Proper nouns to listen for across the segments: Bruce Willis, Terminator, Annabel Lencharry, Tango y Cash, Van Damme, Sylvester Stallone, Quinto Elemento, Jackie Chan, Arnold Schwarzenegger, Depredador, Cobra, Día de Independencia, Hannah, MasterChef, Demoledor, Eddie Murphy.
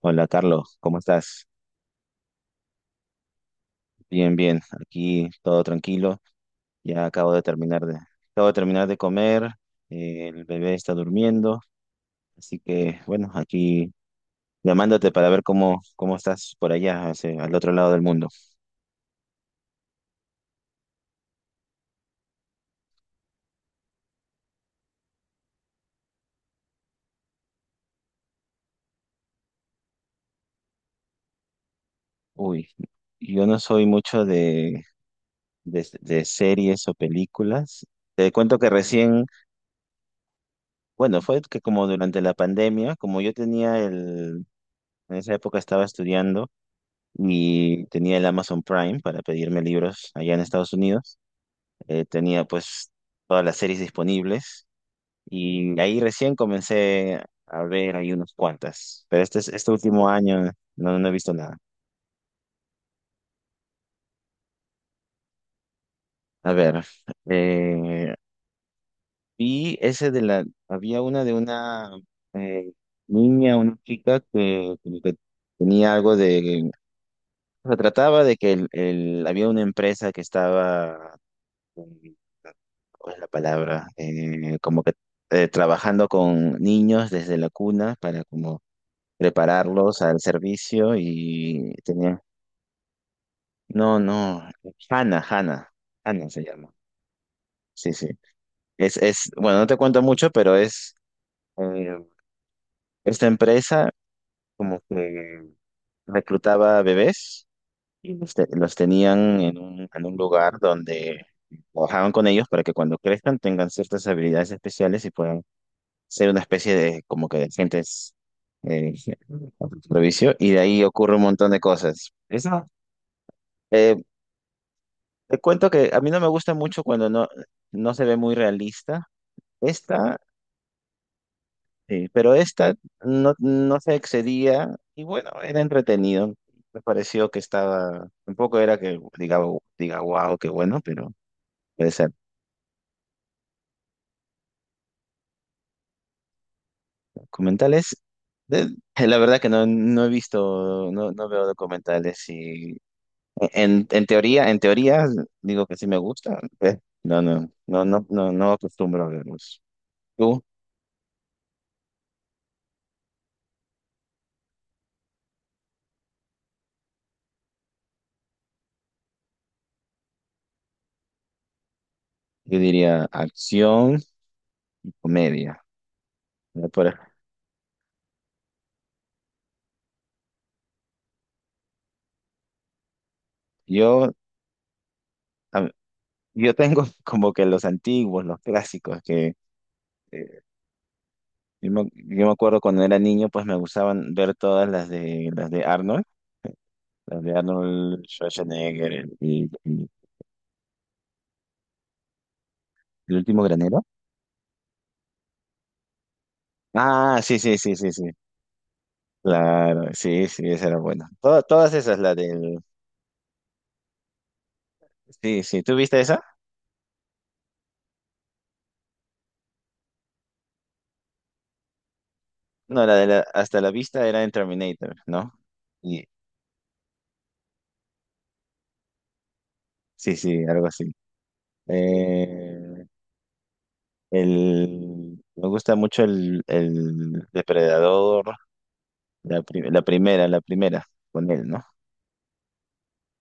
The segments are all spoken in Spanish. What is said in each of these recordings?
Hola Carlos, ¿cómo estás? Bien, bien, aquí todo tranquilo. Ya acabo de terminar de, acabo de terminar de comer, el bebé está durmiendo, así que bueno, aquí llamándote para ver cómo estás por allá, al otro lado del mundo. Uy, yo no soy mucho de series o películas. Te cuento que recién, bueno, fue que como durante la pandemia, como yo tenía el, en esa época estaba estudiando. Y tenía el Amazon Prime para pedirme libros allá en Estados Unidos. Tenía pues todas las series disponibles y ahí recién comencé a ver ahí unos cuantas, pero este, este último año no he visto nada. A ver, eh, vi ese de la, había una de una eh, niña, una chica que, como que tenía algo de, se trataba de que el, había una empresa que estaba... eh, ¿Cuál es la palabra? Como que trabajando con niños desde la cuna para como prepararlos al servicio y tenía, no, no, Hannah, Hannah, Hannah se llama. Sí, sí. Es, bueno, no te cuento mucho, pero es eh, esta empresa como que reclutaba bebés y los tenían en un lugar donde trabajaban con ellos para que cuando crezcan tengan ciertas habilidades especiales y puedan ser una especie de como que de agentes eh, provicio y de ahí ocurre un montón de cosas. Eso, eh, te cuento que a mí no me gusta mucho cuando no, no se ve muy realista. Esta, sí, pero esta no se excedía y bueno, era entretenido. Me pareció que estaba, tampoco era que diga, wow, qué bueno, pero puede ser. Documentales, de- la verdad que no he visto, no veo documentales y en teoría, en teoría, digo que sí me gusta. No, no, no, no, no, no acostumbro a verlos. Tú, yo diría acción, comedia. Por ej- yo, a- yo tengo como que los antiguos, los clásicos, que eh, yo me, acuerdo cuando era niño, pues me gustaban ver todas las de Arnold, las de Arnold Schwarzenegger y el último granero. Ah, sí, sí, sí, sí, sí. Claro, sí, sí, esa era buena. Todas esas, la del... Sí, sí, ¿tú viste esa? No, hasta la vista era en Terminator, ¿no? Y, sí, sí, algo así. Eh, me gusta mucho el, Depredador, la primera, con él, ¿no?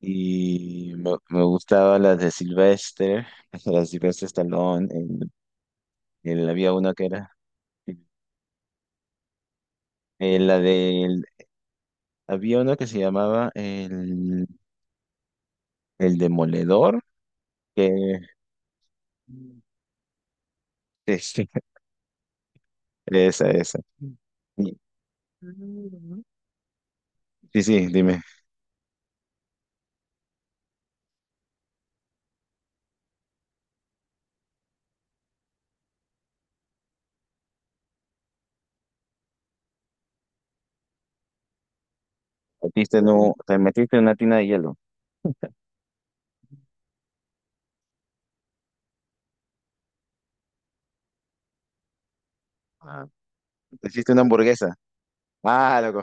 Y me gustaba la de Sylvester, la de Sylvester Stallone, el, había uno que era, eh, la del, había uno que se llamaba el Demoledor, que... Sí, sí. Esa, esa. Y- Mm. Sí, sí, dime. Te metiste en una tina de hielo. Ah, te hiciste una hamburguesa. Ah, loco.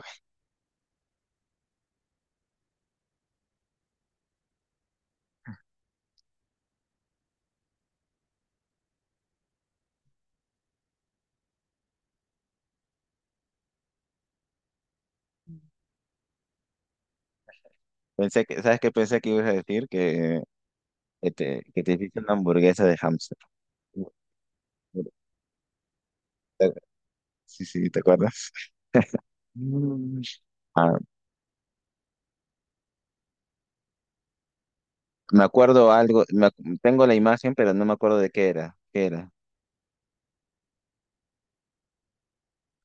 Pensé que, ¿sabes qué pensé que ibas a decir? Que te hiciste una hamburguesa de hámster. Sí, sí, ¿te acuerdas? Mm. Ah, me acuerdo algo, tengo la imagen, pero no me acuerdo de qué era, qué era.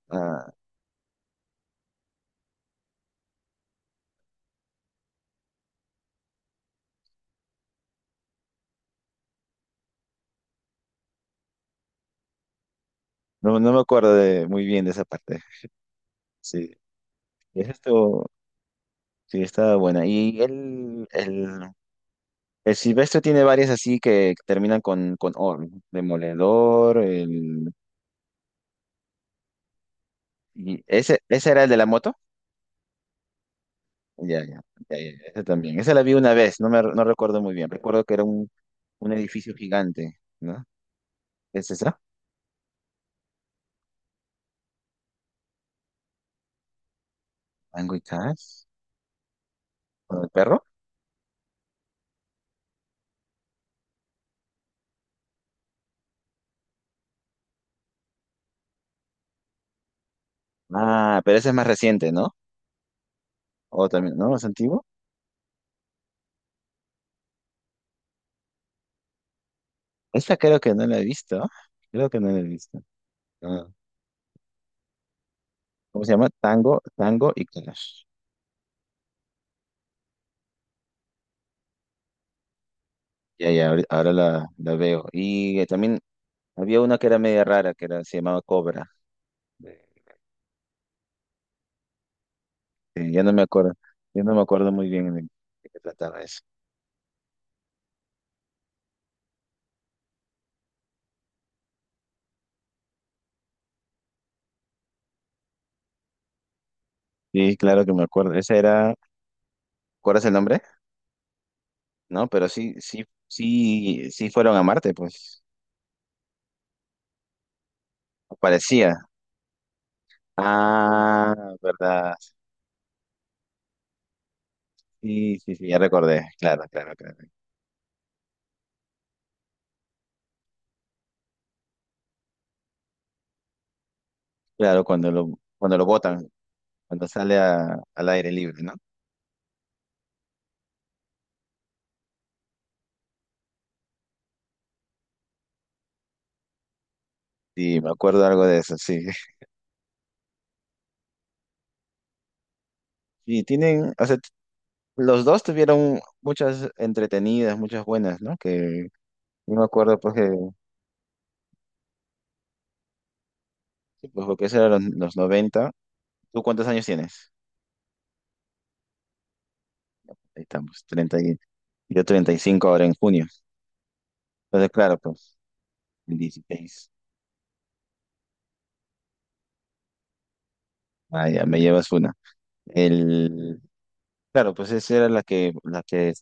Ah, no, no me acuerdo muy bien de esa parte. Sí, eso estuvo, sí, estaba buena. El Silvestre tiene varias así que terminan con, O, ¿no? Demoledor, el... Y ese era el de la moto. Ya, ya, ya, ya, ese también. Esa la vi una vez, no recuerdo muy bien. Recuerdo que era un edificio gigante, ¿no? ¿Es esa? ¿Tango y Cash? ¿Con el perro? Ah, pero ese es más reciente, ¿no? O también, ¿no? ¿Es antiguo? Esta creo que no la he visto. Creo que no la he visto. Ah, ¿cómo se llama? Tango, Tango y Cash. Ya, ya, ahora la veo. Y también había una que era media rara, que era, se llamaba Cobra. Sí, ya no me acuerdo, ya no me acuerdo muy bien de qué trataba eso. Sí, claro que me acuerdo. Esa era, ¿recuerdas el nombre? No, pero sí, sí, sí, sí fueron a Marte, pues. Parecía. Ah, verdad. Sí, sí, sí, ya recordé. Claro, claro, claro. Claro, cuando lo, botan, cuando sale al aire libre, ¿no? Sí, me acuerdo algo de eso, sí. Y tienen, o sea, los dos tuvieron muchas entretenidas, muchas buenas, ¿no? Que yo me acuerdo pues que, sí, pues, porque eso era los, 90. ¿Tú cuántos años tienes? Ahí estamos, 30 y yo 35 ahora en junio. Entonces, claro, pues, el 16. Ah, ya me llevas una. El, claro, pues esa era la que,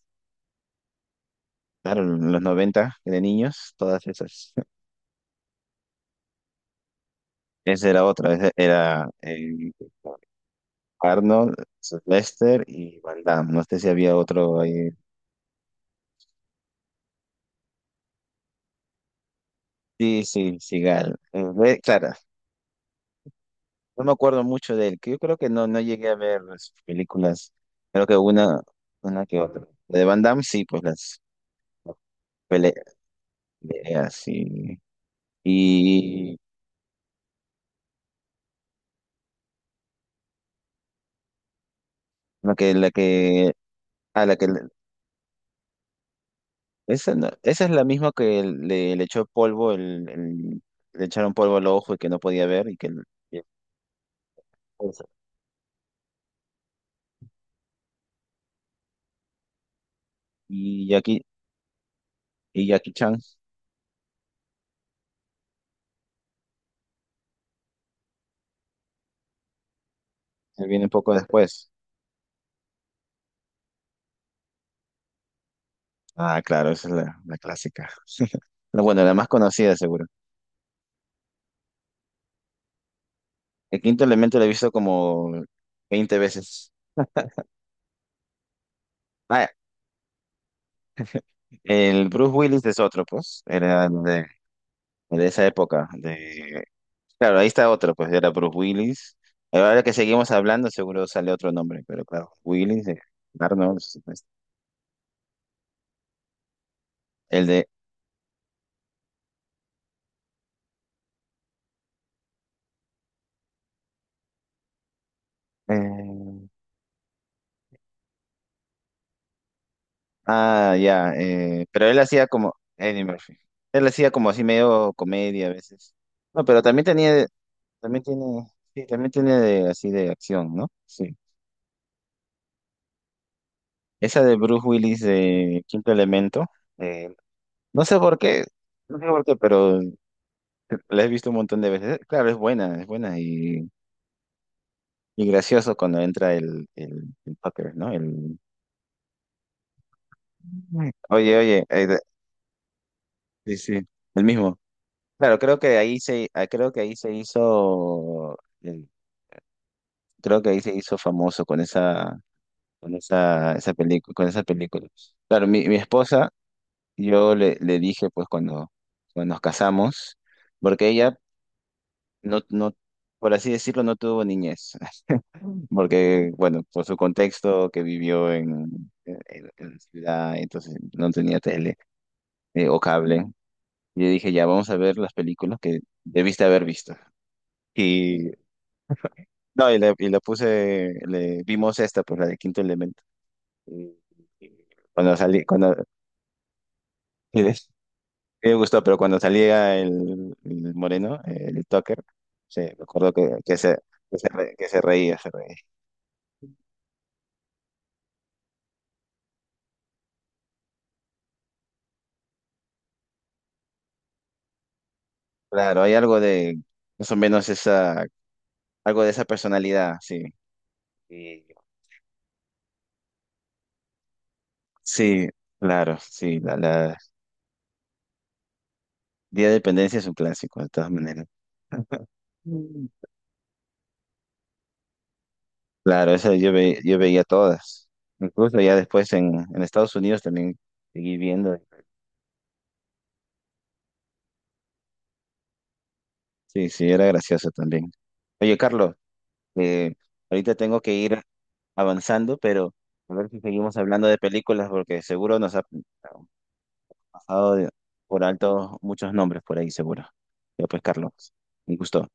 claro, en los 90 de niños, todas esas. Esa era otra, esa era Arnold, Lester y Van Damme. No sé si había otro ahí. Sí, sí, Sigal. Claro, no me acuerdo mucho de él, que yo creo que no llegué a ver sus películas, creo que una que otra. La de Van Damme, sí, pues las pele- peleas, sí. Y la que, a la que, esa, esa es la misma que le echó polvo, el, le echaron polvo al ojo y que no podía ver, y que, no, y esa. Y Jackie, y Jackie Chan, él viene un poco después. Ah, claro, esa es la, clásica. Bueno, la más conocida, seguro. El quinto elemento lo he visto como 20 veces. Ah, el Bruce Willis es otro, pues. Era de esa época. De... Claro, ahí está otro, pues. Era Bruce Willis. Ahora que seguimos hablando, seguro sale otro nombre. Pero claro, Willis, Arnold, el de... eh, ah, ya. Pero él hacía como... Eddie Murphy. Él hacía como así medio comedia a veces. No, pero también tenía. También tiene. Sí, también tiene así de acción, ¿no? Sí. Esa de Bruce Willis de Quinto Elemento, eh, no sé por qué, no sé por qué, pero la he visto un montón de veces. Claro, es buena y gracioso cuando entra el, el Tucker, ¿no? Oye, oye, sí, sí, el mismo. Claro, creo que ahí se hizo, creo que ahí se hizo famoso con esa, esa película, con esa película. Claro, mi esposa, yo le dije, pues cuando, nos casamos, porque ella no, no, por así decirlo, no tuvo niñez, porque, bueno, por su contexto que vivió en, en la ciudad, entonces no tenía tele, o cable. Y yo dije, ya, vamos a ver las películas que debiste haber visto. Y, no, y le, puse, le vimos esta, pues la de Quinto Elemento. Y- y cuando salí, cuando, y les- y me gustó, pero cuando salía el moreno, el Tucker, sí, me acuerdo que se reía, se reía. Claro, hay algo de más o menos esa, algo de esa personalidad, sí. Y Sí, claro, sí, la, Día de Dependencia es un clásico, de todas maneras. Mm. Claro, esa yo veía todas. Incluso ya después en Estados Unidos también seguí viendo. Sí, sí, era gracioso también. Oye, Carlos, eh, ahorita tengo que ir avanzando, pero a ver si seguimos hablando de películas porque seguro nos ha, pasado por alto muchos nombres por ahí, seguro. Ya pues, Carlos, un gusto.